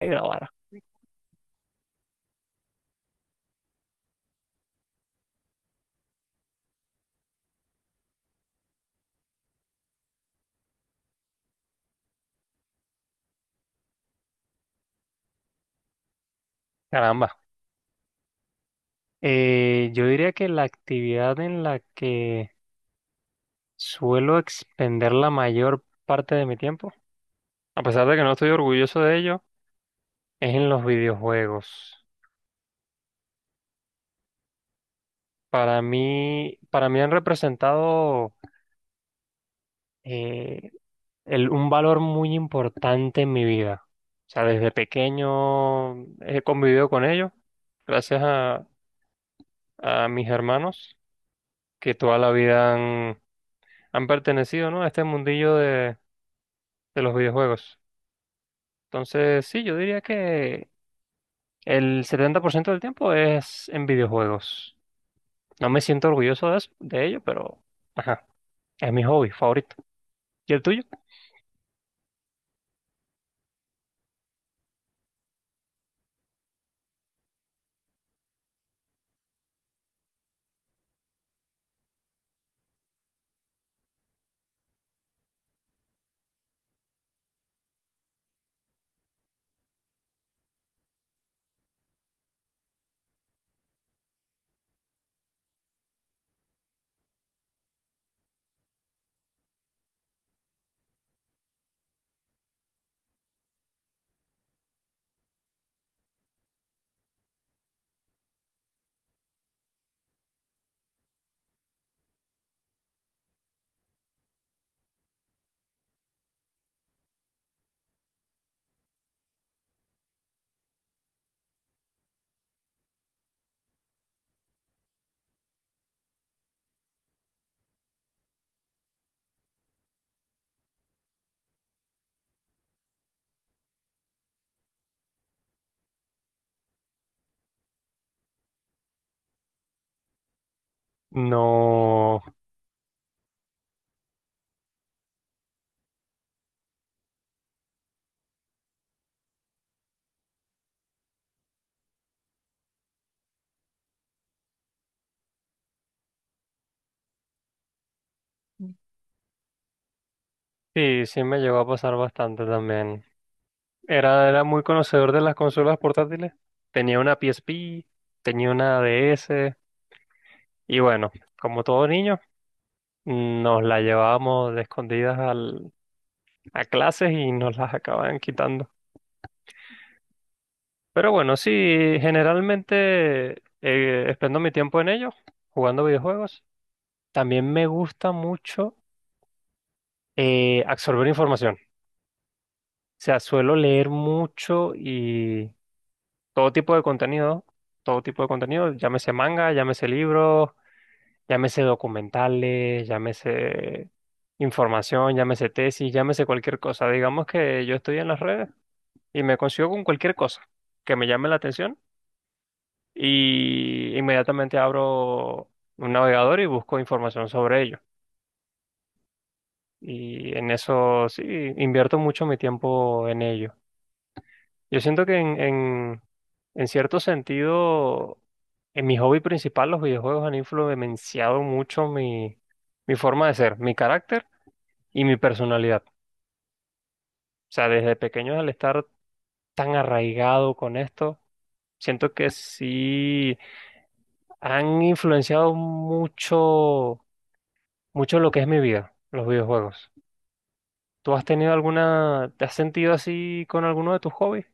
De grabar. Caramba. Yo diría que la actividad en la que suelo expender la mayor parte de mi tiempo, a pesar de que no estoy orgulloso de ello, es en los videojuegos. Para mí han representado eh, un valor muy importante en mi vida. O sea, desde pequeño he convivido con ellos, gracias a mis hermanos que toda la vida han, han pertenecido, ¿no?, a este mundillo de los videojuegos. Entonces, sí, yo diría que el 70% del tiempo es en videojuegos. No me siento orgulloso de de ello, pero ajá, es mi hobby favorito. ¿Y el tuyo? No, sí, sí me llegó a pasar bastante también. Era muy conocedor de las consolas portátiles. Tenía una PSP, tenía una DS, y bueno, como todo niño, nos la llevábamos de escondidas al, a clases, y nos las acababan quitando. Pero bueno, sí, generalmente expendo mi tiempo en ello, jugando videojuegos. También me gusta mucho absorber información. O sea, suelo leer mucho y todo tipo de contenido, todo tipo de contenido, llámese manga, llámese libros, llámese documentales, llámese información, llámese tesis, llámese cualquier cosa. Digamos que yo estoy en las redes y me consigo con cualquier cosa que me llame la atención, y inmediatamente abro un navegador y busco información sobre ello. Y en eso sí, invierto mucho mi tiempo en ello. Yo siento que en cierto sentido, en mi hobby principal, los videojuegos han influenciado mucho mi, mi forma de ser, mi carácter y mi personalidad. O sea, desde pequeño al estar tan arraigado con esto, siento que sí han influenciado mucho mucho lo que es mi vida, los videojuegos. ¿Tú has tenido alguna, te has sentido así con alguno de tus hobbies?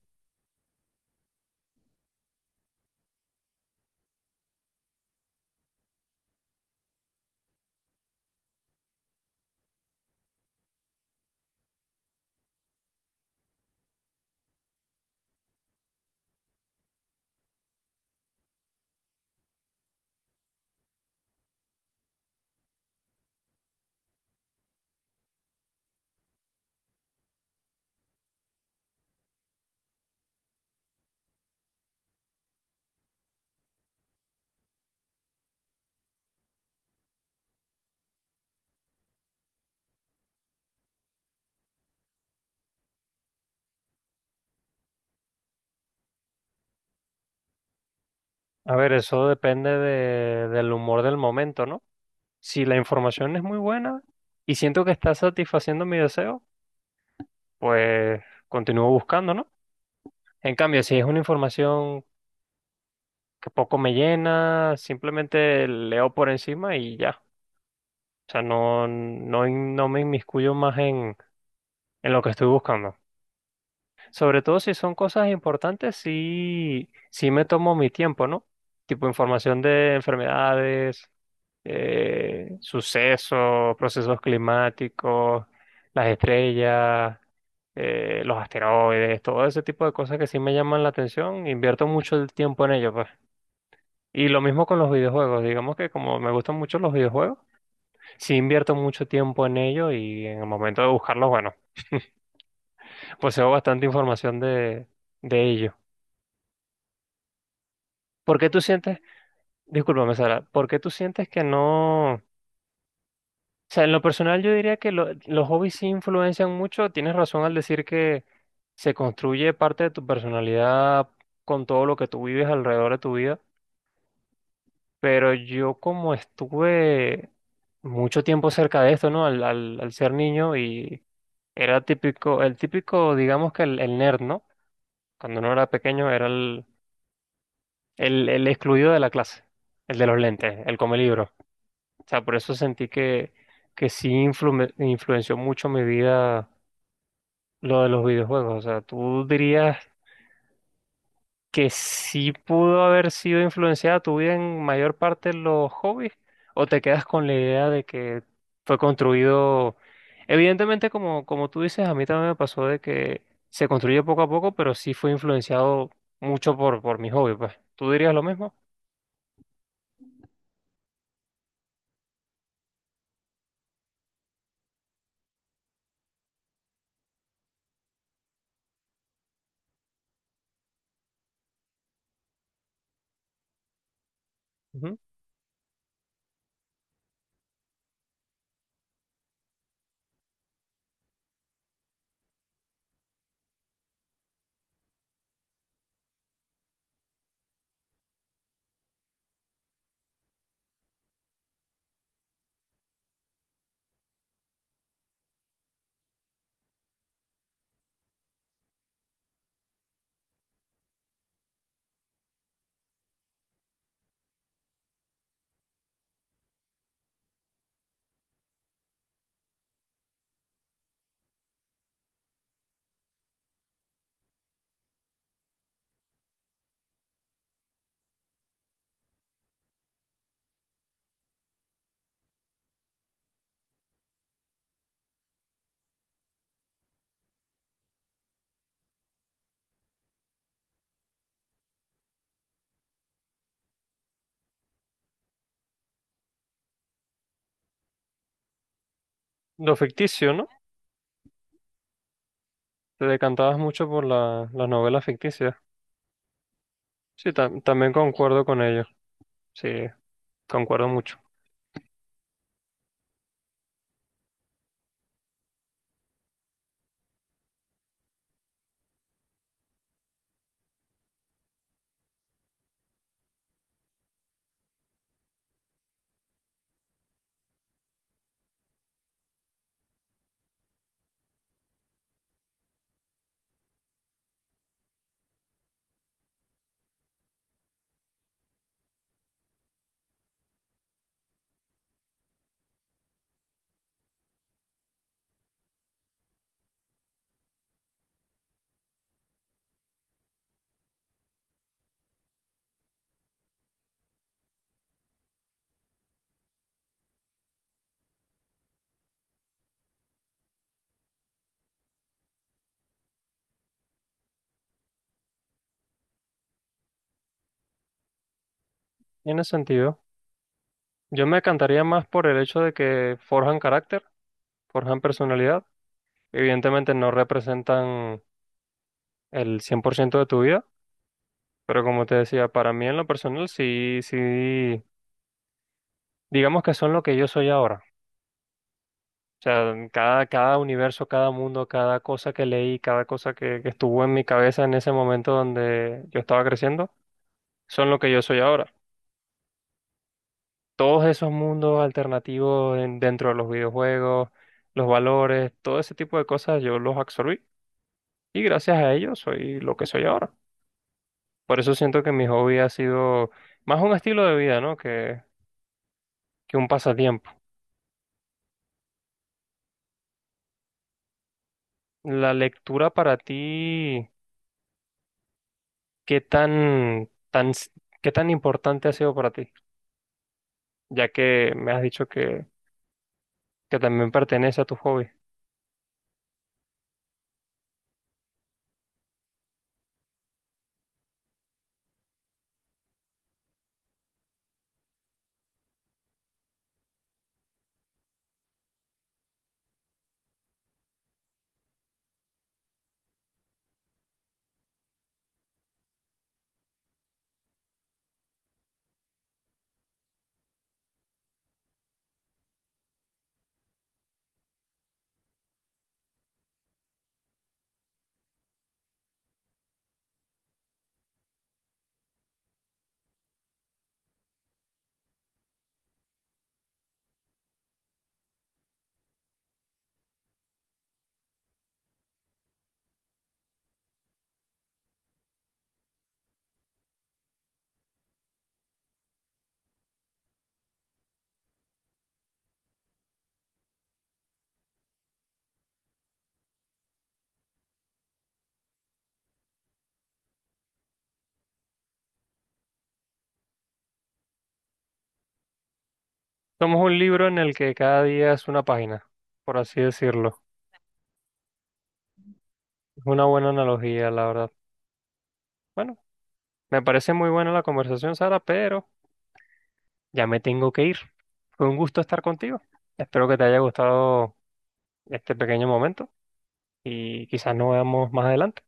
A ver, eso depende del humor del momento, ¿no? Si la información es muy buena y siento que está satisfaciendo mi deseo, pues continúo buscando, ¿no? En cambio, si es una información que poco me llena, simplemente leo por encima y ya. O sea, no me inmiscuyo más en lo que estoy buscando. Sobre todo si son cosas importantes, sí, sí me tomo mi tiempo, ¿no? Tipo información de enfermedades, sucesos, procesos climáticos, las estrellas, los asteroides, todo ese tipo de cosas que sí me llaman la atención, invierto mucho el tiempo en ello, pues. Y lo mismo con los videojuegos, digamos que como me gustan mucho los videojuegos, sí invierto mucho tiempo en ello, y en el momento de buscarlos, bueno, poseo bastante información de ello. ¿Por qué tú sientes? Discúlpame, Sara, ¿por qué tú sientes que no? O sea, en lo personal yo diría que los hobbies sí influencian mucho. Tienes razón al decir que se construye parte de tu personalidad con todo lo que tú vives alrededor de tu vida. Pero yo como estuve mucho tiempo cerca de esto, ¿no? Al ser niño, y era típico, el típico, digamos que el nerd, ¿no? Cuando uno era pequeño era el excluido de la clase, el de los lentes, el come. O sea, por eso sentí que sí influenció mucho mi vida lo de los videojuegos. O sea, ¿tú dirías que sí pudo haber sido influenciada tu vida en mayor parte los hobbies? ¿O te quedas con la idea de que fue construido? Evidentemente, como, como tú dices, a mí también me pasó de que se construye poco a poco, pero sí fue influenciado mucho por mi hobby, pues. ¿Tú dirías lo mismo? Ujú. Lo ficticio, ¿no? Te decantabas mucho por la, las novelas ficticias. Sí, también concuerdo con ello. Sí, concuerdo mucho. Y en ese sentido, yo me encantaría más por el hecho de que forjan carácter, forjan personalidad. Evidentemente no representan el 100% de tu vida, pero como te decía, para mí en lo personal sí, sí, digamos que son lo que yo soy ahora. O sea, cada, cada universo, cada mundo, cada cosa que leí, cada cosa que estuvo en mi cabeza en ese momento donde yo estaba creciendo, son lo que yo soy ahora. Todos esos mundos alternativos dentro de los videojuegos, los valores, todo ese tipo de cosas yo los absorbí, y gracias a ello soy lo que soy ahora. Por eso siento que mi hobby ha sido más un estilo de vida, ¿no? Que un pasatiempo. La lectura para ti, ¿qué tan, tan, s- qué tan importante ha sido para ti? Ya que me has dicho que también pertenece a tu hobby. Somos un libro en el que cada día es una página, por así decirlo. Es una buena analogía, la verdad. Bueno, me parece muy buena la conversación, Sara, pero ya me tengo que ir. Fue un gusto estar contigo. Espero que te haya gustado este pequeño momento, y quizás nos veamos más adelante.